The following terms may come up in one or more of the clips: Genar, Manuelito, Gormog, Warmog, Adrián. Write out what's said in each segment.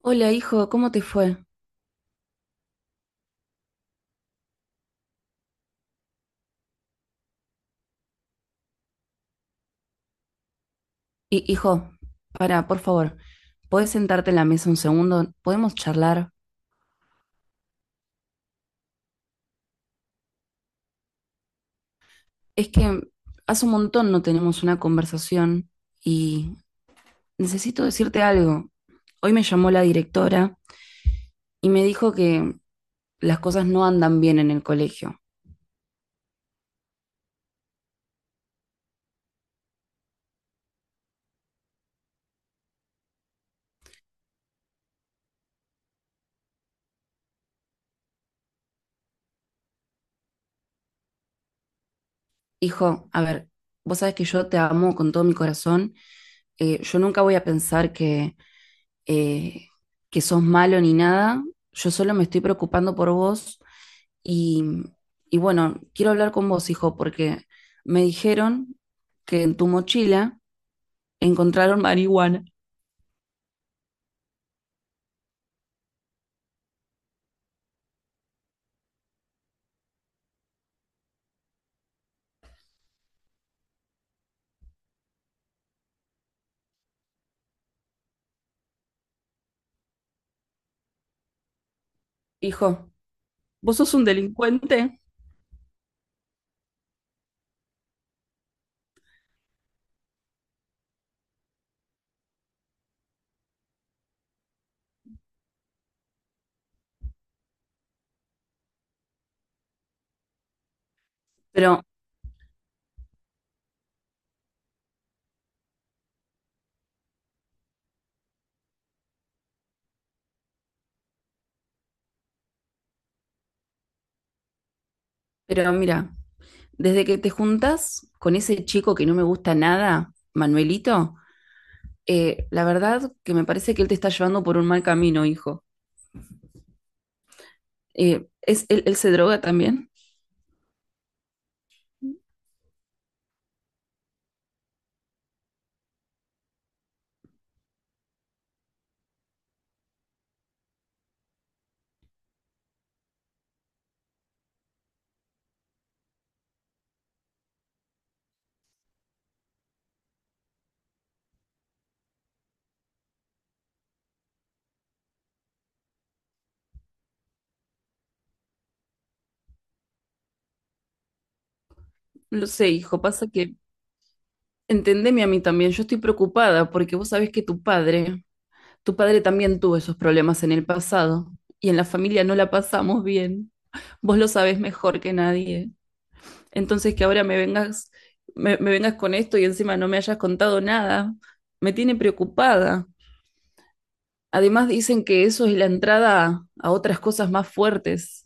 Hola, hijo, ¿cómo te fue? Hijo, para, por favor, ¿podés sentarte en la mesa un segundo? ¿Podemos charlar? Es que hace un montón no tenemos una conversación y necesito decirte algo. Hoy me llamó la directora y me dijo que las cosas no andan bien en el colegio. Hijo, a ver, vos sabés que yo te amo con todo mi corazón. Yo nunca voy a pensar eh, que sos malo ni nada, yo solo me estoy preocupando por vos y, y bueno, quiero hablar con vos, hijo, porque me dijeron que en tu mochila encontraron marihuana. Hijo, vos sos un delincuente, pero, pero mira, desde que te juntas con ese chico que no me gusta nada, Manuelito, la verdad que me parece que él te está llevando por un mal camino, hijo. ¿Es, él, él se droga también? Lo sé, hijo, pasa que entendeme a mí también, yo estoy preocupada porque vos sabés que tu padre también tuvo esos problemas en el pasado y en la familia no la pasamos bien. Vos lo sabés mejor que nadie. Entonces que ahora me vengas, me vengas con esto y encima no me hayas contado nada, me tiene preocupada. Además dicen que eso es la entrada a otras cosas más fuertes.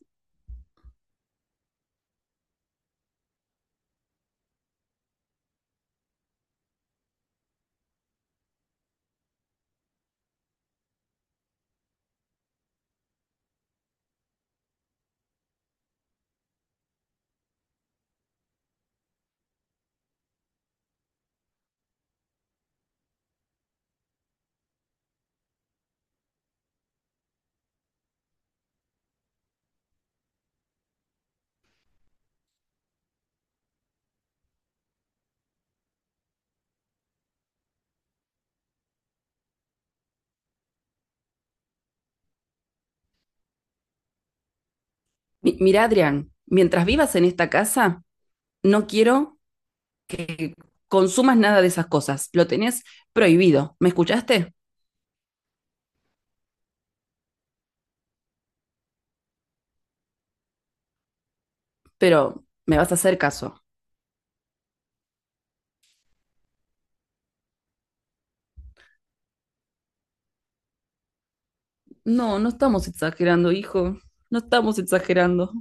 Mira, Adrián, mientras vivas en esta casa, no quiero que consumas nada de esas cosas. Lo tenés prohibido. ¿Me escuchaste? Pero me vas a hacer caso. No, no estamos exagerando, hijo. No estamos exagerando.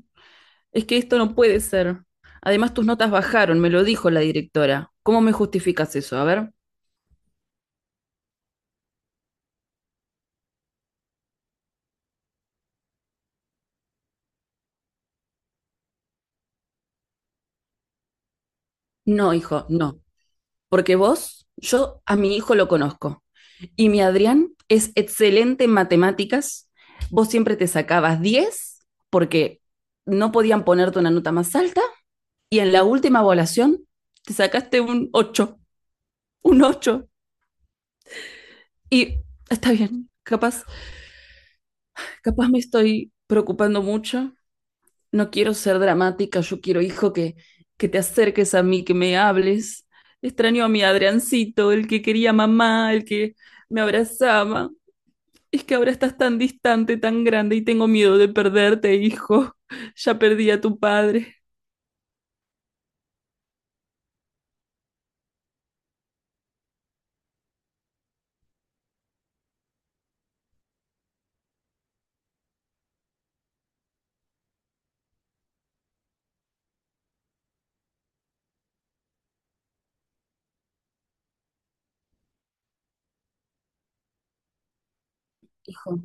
Es que esto no puede ser. Además, tus notas bajaron, me lo dijo la directora. ¿Cómo me justificas eso? A ver. No, hijo, no. Porque vos, yo a mi hijo lo conozco. Y mi Adrián es excelente en matemáticas. Vos siempre te sacabas 10 porque no podían ponerte una nota más alta. Y en la última evaluación te sacaste un 8, un 8. Y está bien, capaz me estoy preocupando mucho. No quiero ser dramática, yo quiero, hijo, que te acerques a mí, que me hables. Extraño a mi Adriancito, el que quería mamá, el que me abrazaba. Es que ahora estás tan distante, tan grande y tengo miedo de perderte, hijo. Ya perdí a tu padre. Hijo,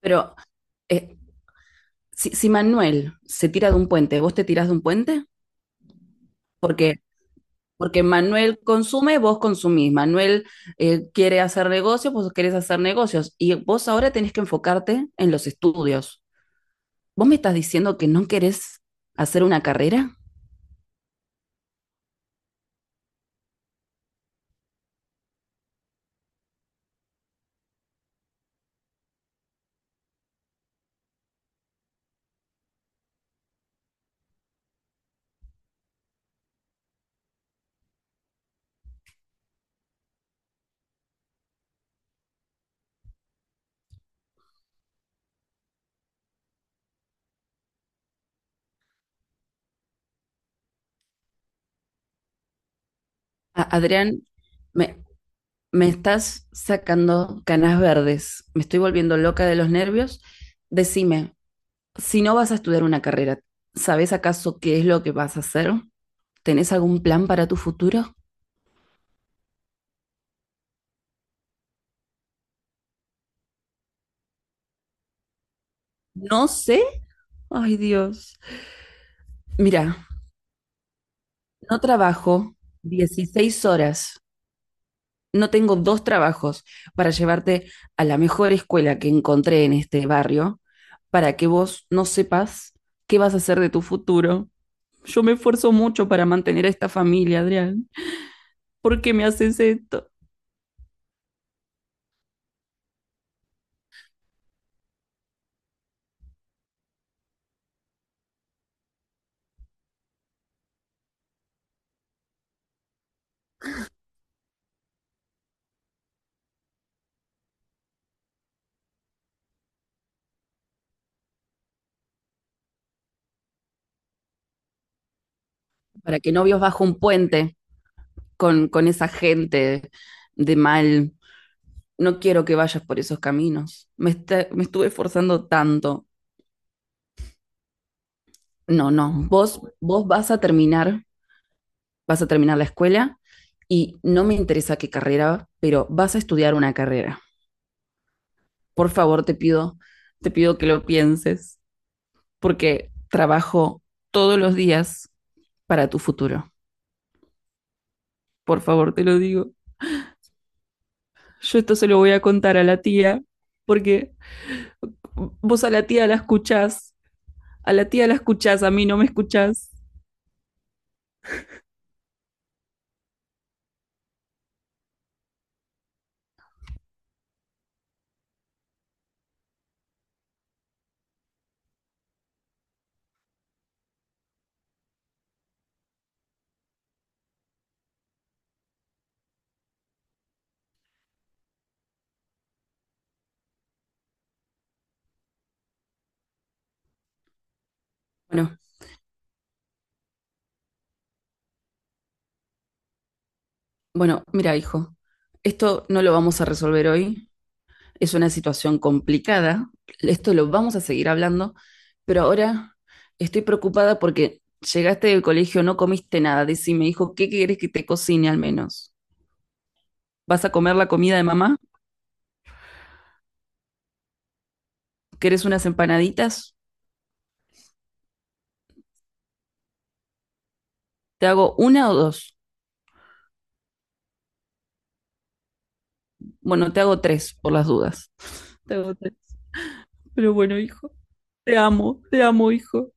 pero eh, si Manuel se tira de un puente, ¿vos te tirás de un puente? Porque Porque Manuel consume, vos consumís. Manuel quiere hacer negocios, vos querés hacer negocios. Y vos ahora tenés que enfocarte en los estudios. ¿Vos me estás diciendo que no querés hacer una carrera? Adrián, me, me estás sacando canas verdes. Me estoy volviendo loca de los nervios. Decime, si no vas a estudiar una carrera, ¿sabés acaso qué es lo que vas a hacer? ¿Tenés algún plan para tu futuro? No sé. Ay, Dios. Mira, no trabajo 16 horas, no tengo 2 trabajos para llevarte a la mejor escuela que encontré en este barrio para que vos no sepas qué vas a hacer de tu futuro. Yo me esfuerzo mucho para mantener a esta familia, Adrián. ¿Por qué me haces esto? Para que no vivas bajo un puente con esa gente de mal. No quiero que vayas por esos caminos. Me estuve esforzando tanto. No, no, vos vas a terminar la escuela y no me interesa qué carrera, pero vas a estudiar una carrera. Por favor, te pido que lo pienses, porque trabajo todos los días para tu futuro. Por favor, te lo digo. Yo esto se lo voy a contar a la tía, porque vos a la tía la escuchás, a la tía la escuchás, a mí no me escuchás. Bueno, bueno, mira, hijo, esto no lo vamos a resolver hoy. Es una situación complicada. Esto lo vamos a seguir hablando, pero ahora estoy preocupada porque llegaste del colegio, no comiste nada. Decime, hijo, ¿qué quieres que te cocine al menos? ¿Vas a comer la comida de mamá? ¿Querés unas empanaditas? ¿Te hago 1 o 2? Bueno, te hago 3 por las dudas. Te hago 3. Pero bueno, hijo, te amo, hijo.